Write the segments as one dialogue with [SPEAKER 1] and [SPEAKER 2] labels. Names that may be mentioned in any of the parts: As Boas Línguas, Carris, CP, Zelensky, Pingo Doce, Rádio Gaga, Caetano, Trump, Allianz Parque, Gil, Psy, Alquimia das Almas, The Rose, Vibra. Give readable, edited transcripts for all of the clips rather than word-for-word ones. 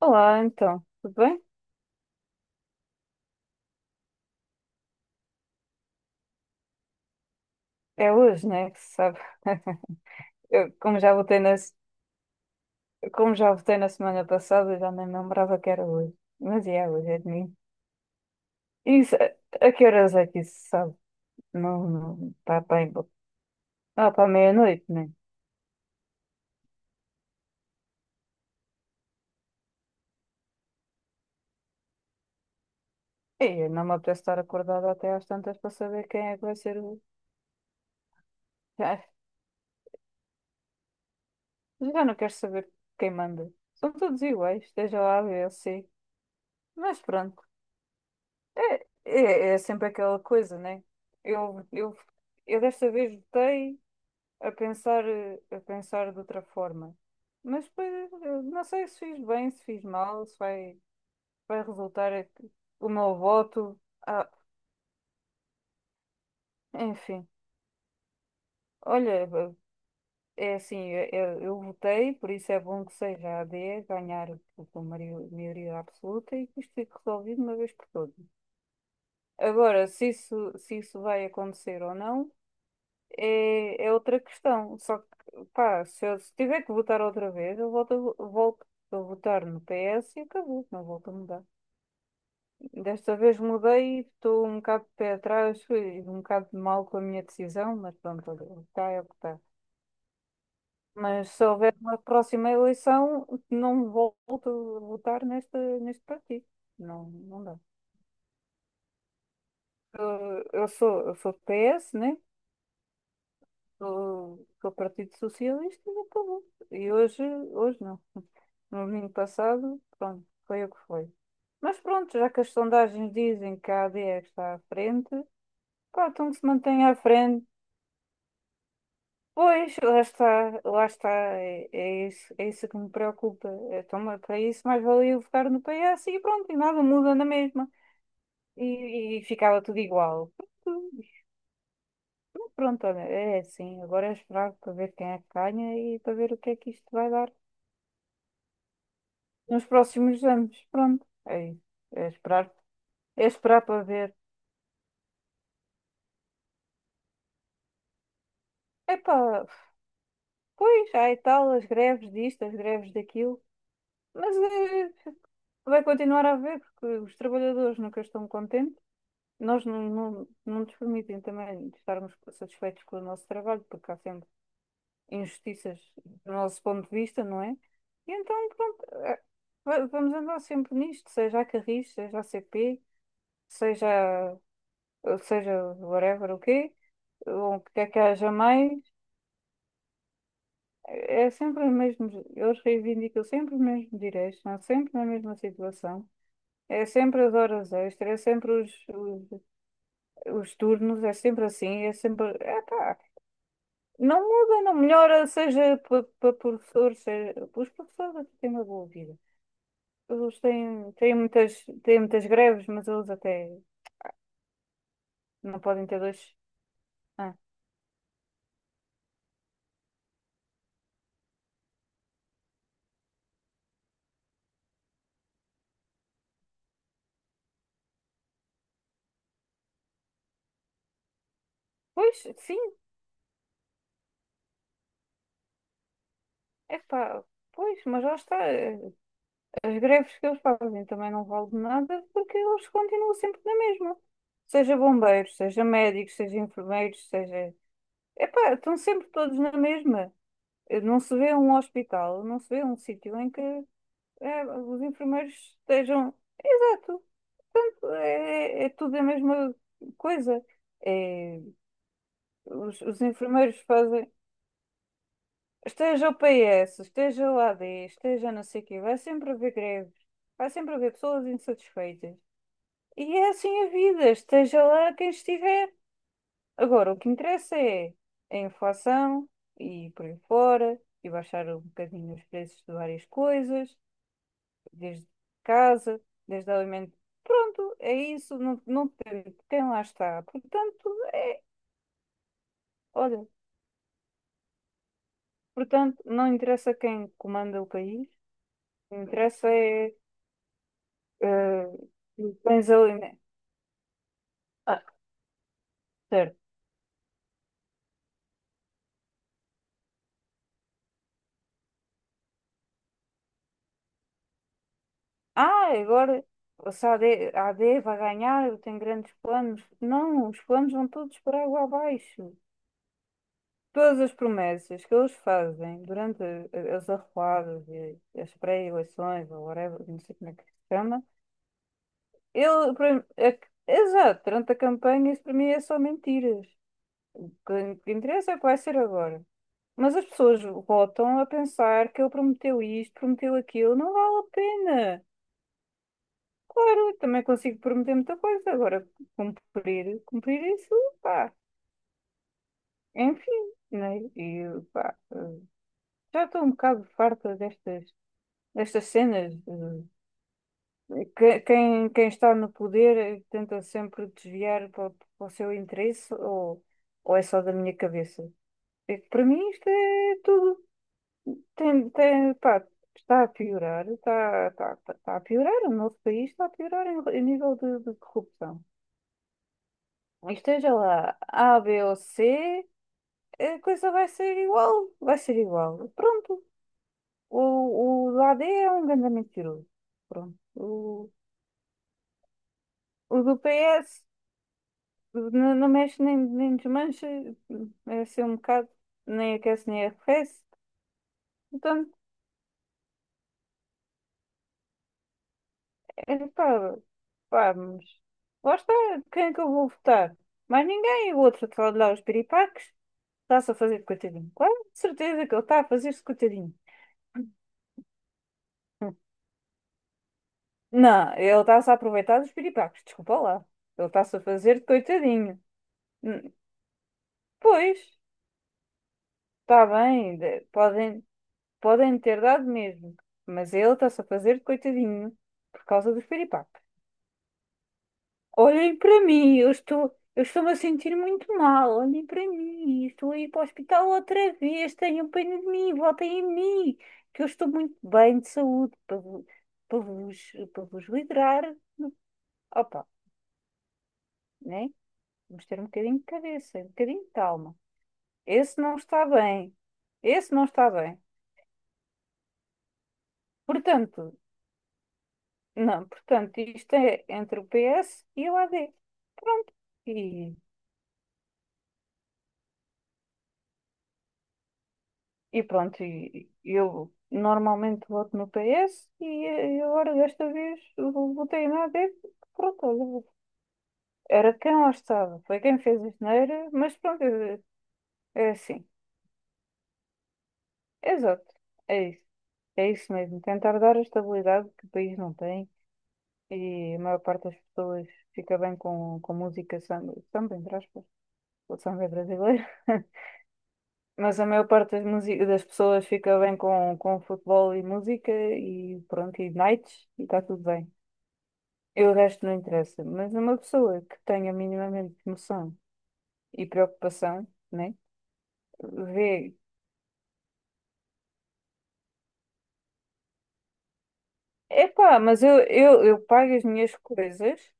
[SPEAKER 1] Olá, então, tudo bem? É hoje, né? Que se sabe. Como já votei na, se- como já votei na semana passada, já nem me lembrava que era hoje. Mas é hoje, é domingo. Isso, a que horas é que isso se sabe? Não, não, está bem. Ah, para meia-noite, né? E eu não me apetece estar acordada até às tantas para saber quem é que vai ser o. Já, já não quero saber quem manda. São todos iguais, esteja lá a B ou C. Mas pronto, é sempre aquela coisa, né? Eu, eu, eu desta vez votei a pensar, a pensar de outra forma. Mas depois, não sei se fiz bem, se fiz mal, se vai, vai resultar o meu voto. Ah, enfim, olha, é assim, eu votei, por isso é bom que seja a AD ganhar por maioria absoluta e que isto fique resolvido de uma vez por todas. Agora, se isso vai acontecer ou não, é outra questão. Só que, pá, se tiver que votar outra vez, volto a votar no PS e acabou, não volto a mudar. Desta vez mudei, estou um bocado de pé atrás, fui um bocado de mal com a minha decisão, mas pronto, olha, o que está é o que está. Mas se houver uma próxima eleição, não volto a votar neste partido. Não, não dá. Eu sou do PS, né? Que o Partido Socialista e acabou. E hoje, hoje não. No domingo passado, pronto, foi o que foi. Mas pronto, já que as sondagens dizem que a AD é que está à frente, pá, então que se mantenha à frente. Pois, lá está, é isso que me preocupa. Então, mas para isso, mais valia eu votar no PS e pronto, e nada muda na mesma. E ficava tudo igual. Pronto, pronto, olha, é assim. Agora é esperar para ver quem é que ganha e para ver o que é que isto vai dar nos próximos anos. Pronto, é isso. É esperar, é esperar para ver. Epá, pois, há e tal, as greves disto, as greves daquilo, mas vai continuar a haver, porque os trabalhadores nunca estão contentes. Nós não nos permitem também estarmos satisfeitos com o nosso trabalho, porque há sempre injustiças do nosso ponto de vista, não é? E então, pronto, vamos andar sempre nisto, seja a Carris, seja a CP, seja, seja whatever o quê, ou o que é que haja mais. É sempre os mesmos, eles reivindicam sempre os mesmos direitos, estão sempre na mesma situação. É sempre as horas extras, é sempre os turnos, é sempre assim, é sempre. Epá, não muda, não melhora, seja para pa pa professores, seja, os professores até têm uma boa vida. Eles têm têm muitas greves, mas eles até não podem ter dois. Ah, pois, sim, é epá, pois, mas lá está. As greves que eles fazem também não valem de nada porque eles continuam sempre na mesma. Seja bombeiros, seja médicos, seja enfermeiros, seja. Epá, estão sempre todos na mesma. Não se vê um hospital, não se vê um sítio em que os enfermeiros estejam. Exato, é tudo a mesma coisa. É, os enfermeiros fazem. Esteja o PS, esteja o AD, esteja não sei o quê, vai sempre haver greves, vai sempre haver pessoas insatisfeitas. E é assim a vida, esteja lá quem estiver. Agora, o que interessa é a inflação e por aí fora, e baixar um bocadinho os preços de várias coisas, desde casa, desde alimento. Pronto, é isso, não, não tem, quem lá está. Portanto, é, olha, portanto, não interessa quem comanda o país, o que interessa é eh, tens alimento. Ah, agora se a AD, a AD vai ganhar, eu tenho grandes planos. Não, os planos vão todos para água abaixo. Todas as promessas que eles fazem durante as arruadas e as pré-eleições, ou whatever, não sei como é que se chama, ele, para- é que- exato, durante a campanha, isso para mim é só mentiras. O que interessa é o que vai ser agora. Mas as pessoas votam a pensar que ele prometeu isto, prometeu aquilo, não vale a pena. Claro, também consigo prometer muita coisa. Agora, cumprir, cumprir isso, pá, é enfim, né? E pá, já estou um bocado farta destas, destas cenas. Quem, quem está no poder tenta sempre desviar para o para o seu interesse, ou é só da minha cabeça. É que para mim isto é tudo. Tem, tem, pá, está a piorar, está, está, está a piorar, o nosso país está a piorar em, em nível de corrupção. Esteja lá A, B ou C, a coisa vai ser igual. Vai ser igual. Pronto. O do A D é um grande mentiroso. Pronto. O do PS não, não mexe nem, nem desmancha. É assim um bocado. Nem aquece nem arrefece. Portanto, é, pá, pá, mas lá está. Quem é que eu vou votar? Mais ninguém. O outro está lá os piripaques. Está-se a fazer de coitadinho. Claro, de certeza que ele está a fazer-se de coitadinho. Não, ele está-se a aproveitar dos piripacos, desculpa lá. Ele está-se a fazer de coitadinho. Hum, Pois, está bem, podem, podem ter dado mesmo, mas ele está-se a fazer de coitadinho por causa dos piripacos. Olhem para mim, eu estou-me a sentir muito mal. Olhem para mim, estou a ir para o hospital outra vez. Tenham pena de mim, votem em mim, que eu estou muito bem de saúde para vos livrar. Opa, né? Vamos ter um bocadinho de cabeça, um bocadinho de calma. Esse não está bem. Esse não está bem. Portanto, não, portanto, isto é entre o PS e o AD. Pronto. E, e eu normalmente voto no PS e, agora desta vez eu votei no AD. Pronto, olha, era de quem lá estava. Foi quem fez a geneira, mas pronto, é, é assim. Exato. É isso. É isso mesmo. Tentar dar a estabilidade que o país não tem. E a maior parte das pessoas fica bem com música samba, samba, entre aspas, o samba é brasileiro. Mas a maior parte das pessoas fica bem com futebol e música e pronto, e nights, e está tudo bem. E o resto não interessa. Mas uma pessoa que tenha minimamente noção e preocupação, né? Vê, epá, eu pago as minhas coisas.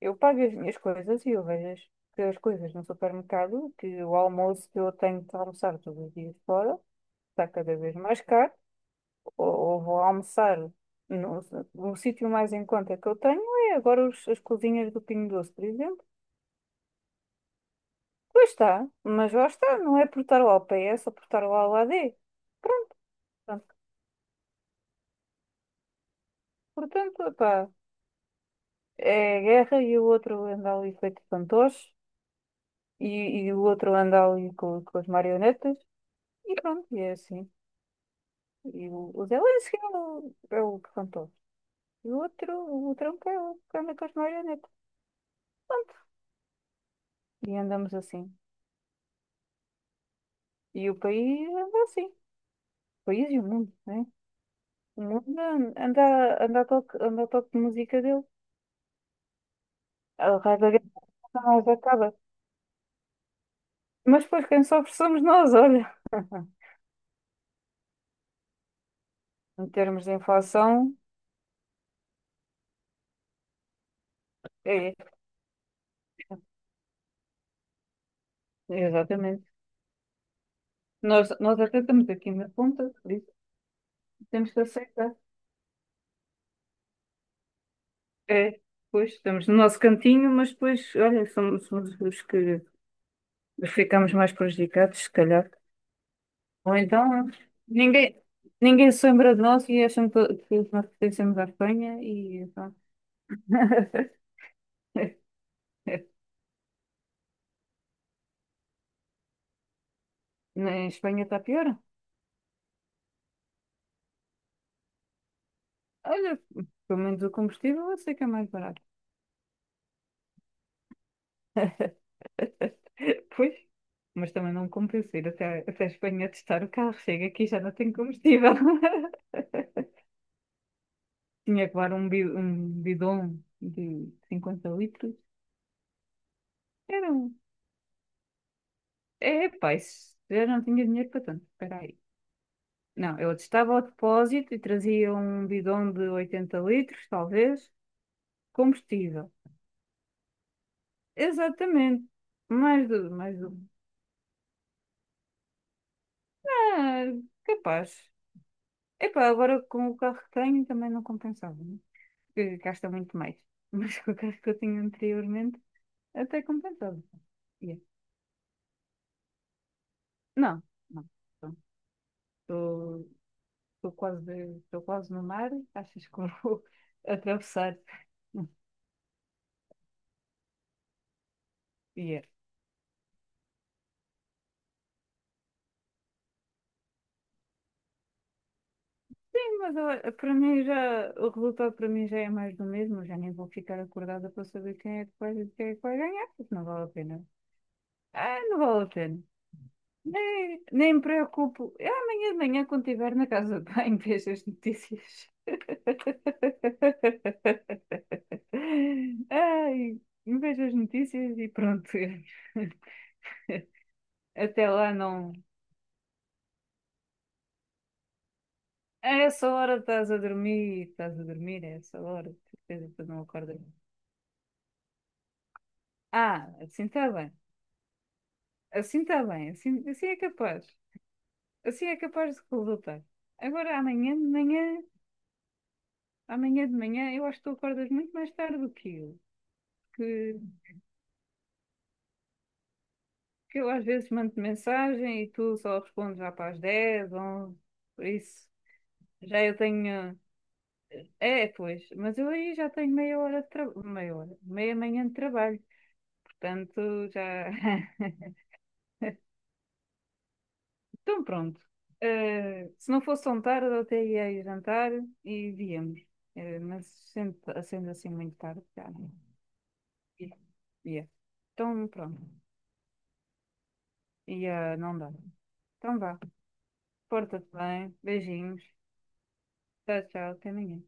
[SPEAKER 1] Eu pago as minhas coisas e que as coisas no supermercado, que o almoço que eu tenho de almoçar todos os dias fora está cada vez mais caro, ou vou almoçar no, no sítio mais em conta que eu tenho é agora as cozinhas do Pingo Doce, por exemplo. Pois está, mas lá está, não é por estar lá ao PS ou por estar lá ao AD. Pronto, pronto, portanto, epá, é a guerra e o outro anda ali feito fantoche, e, e o outro anda ali com as marionetas, e pronto, e é assim. E o Zelensky é assim, o, é o que cantou. E o outro, o Trump é o que anda com as marionetas. Pronto. E andamos assim. E o país anda assim. O país e o mundo, né? O mundo anda, a toque, anda ao toque de música dele. A Rádio Gaga nunca mais acaba. Mas depois quem sofre somos nós, olha. Em termos de inflação, é, exatamente. Nós até estamos aqui na ponta, por isso temos que aceitar. É, pois, estamos no nosso cantinho, mas depois, olha, somos os que ficamos mais prejudicados, se calhar. Ou então ninguém, ninguém se lembra de nós e acham que nós pertencemos à Espanha e pronto. Na Espanha está pior. Olha, pelo menos o combustível eu sei que é mais barato. Pois, mas também não me compensa ir até a Espanha testar o carro. Chega aqui e já não tem combustível. Tinha que levar um, um bidon de 50 litros. Era um... É, pá, isso- eu não tinha dinheiro para tanto. Espera aí. Não, eu estava ao depósito e trazia um bidão de 80 litros, talvez, combustível. Exatamente. Mais do, mais do. Ah, capaz. Epá, agora com o carro que tenho também não compensava, né? Porque gasta muito mais. Mas com o carro que eu tinha anteriormente até compensava. Yeah. Não, não. Então, estou quase, estou quase no mar. Achas que eu vou atravessar? Yeah. Mas olha, para mim já, o resultado para mim já é mais do mesmo, eu já nem vou ficar acordada para saber quem é que vai ganhar, porque não vale a pena. Ah, não vale a pena. Nem, nem me preocupo. Eu amanhã de manhã, quando estiver na casa de banho, vejo as notícias. Ai, vejo as notícias e pronto. Até lá não. A essa hora estás a dormir, a essa hora, de certeza que tu não acordas. Ah, assim está bem. Assim está bem, assim, assim é capaz. Assim é capaz de resultar. Agora, amanhã de manhã, eu acho que tu acordas muito mais tarde do que eu. Que, que eu às vezes mando mensagem e tu só respondes já para as 10 11. Por isso, já eu tenho. É, pois, mas eu aí já tenho meia hora de trabalho. Meia hora, meia manhã de trabalho. Portanto, já. Então, pronto. Eh, se não fosse tão tarde, eu até ia ir jantar e víamos. Eh, mas sendo, sendo assim muito tarde, já não. Yeah. Então, pronto. E ah, não dá. Então vá. Porta-te bem. Beijinhos. Tchau, tchau. Até amanhã.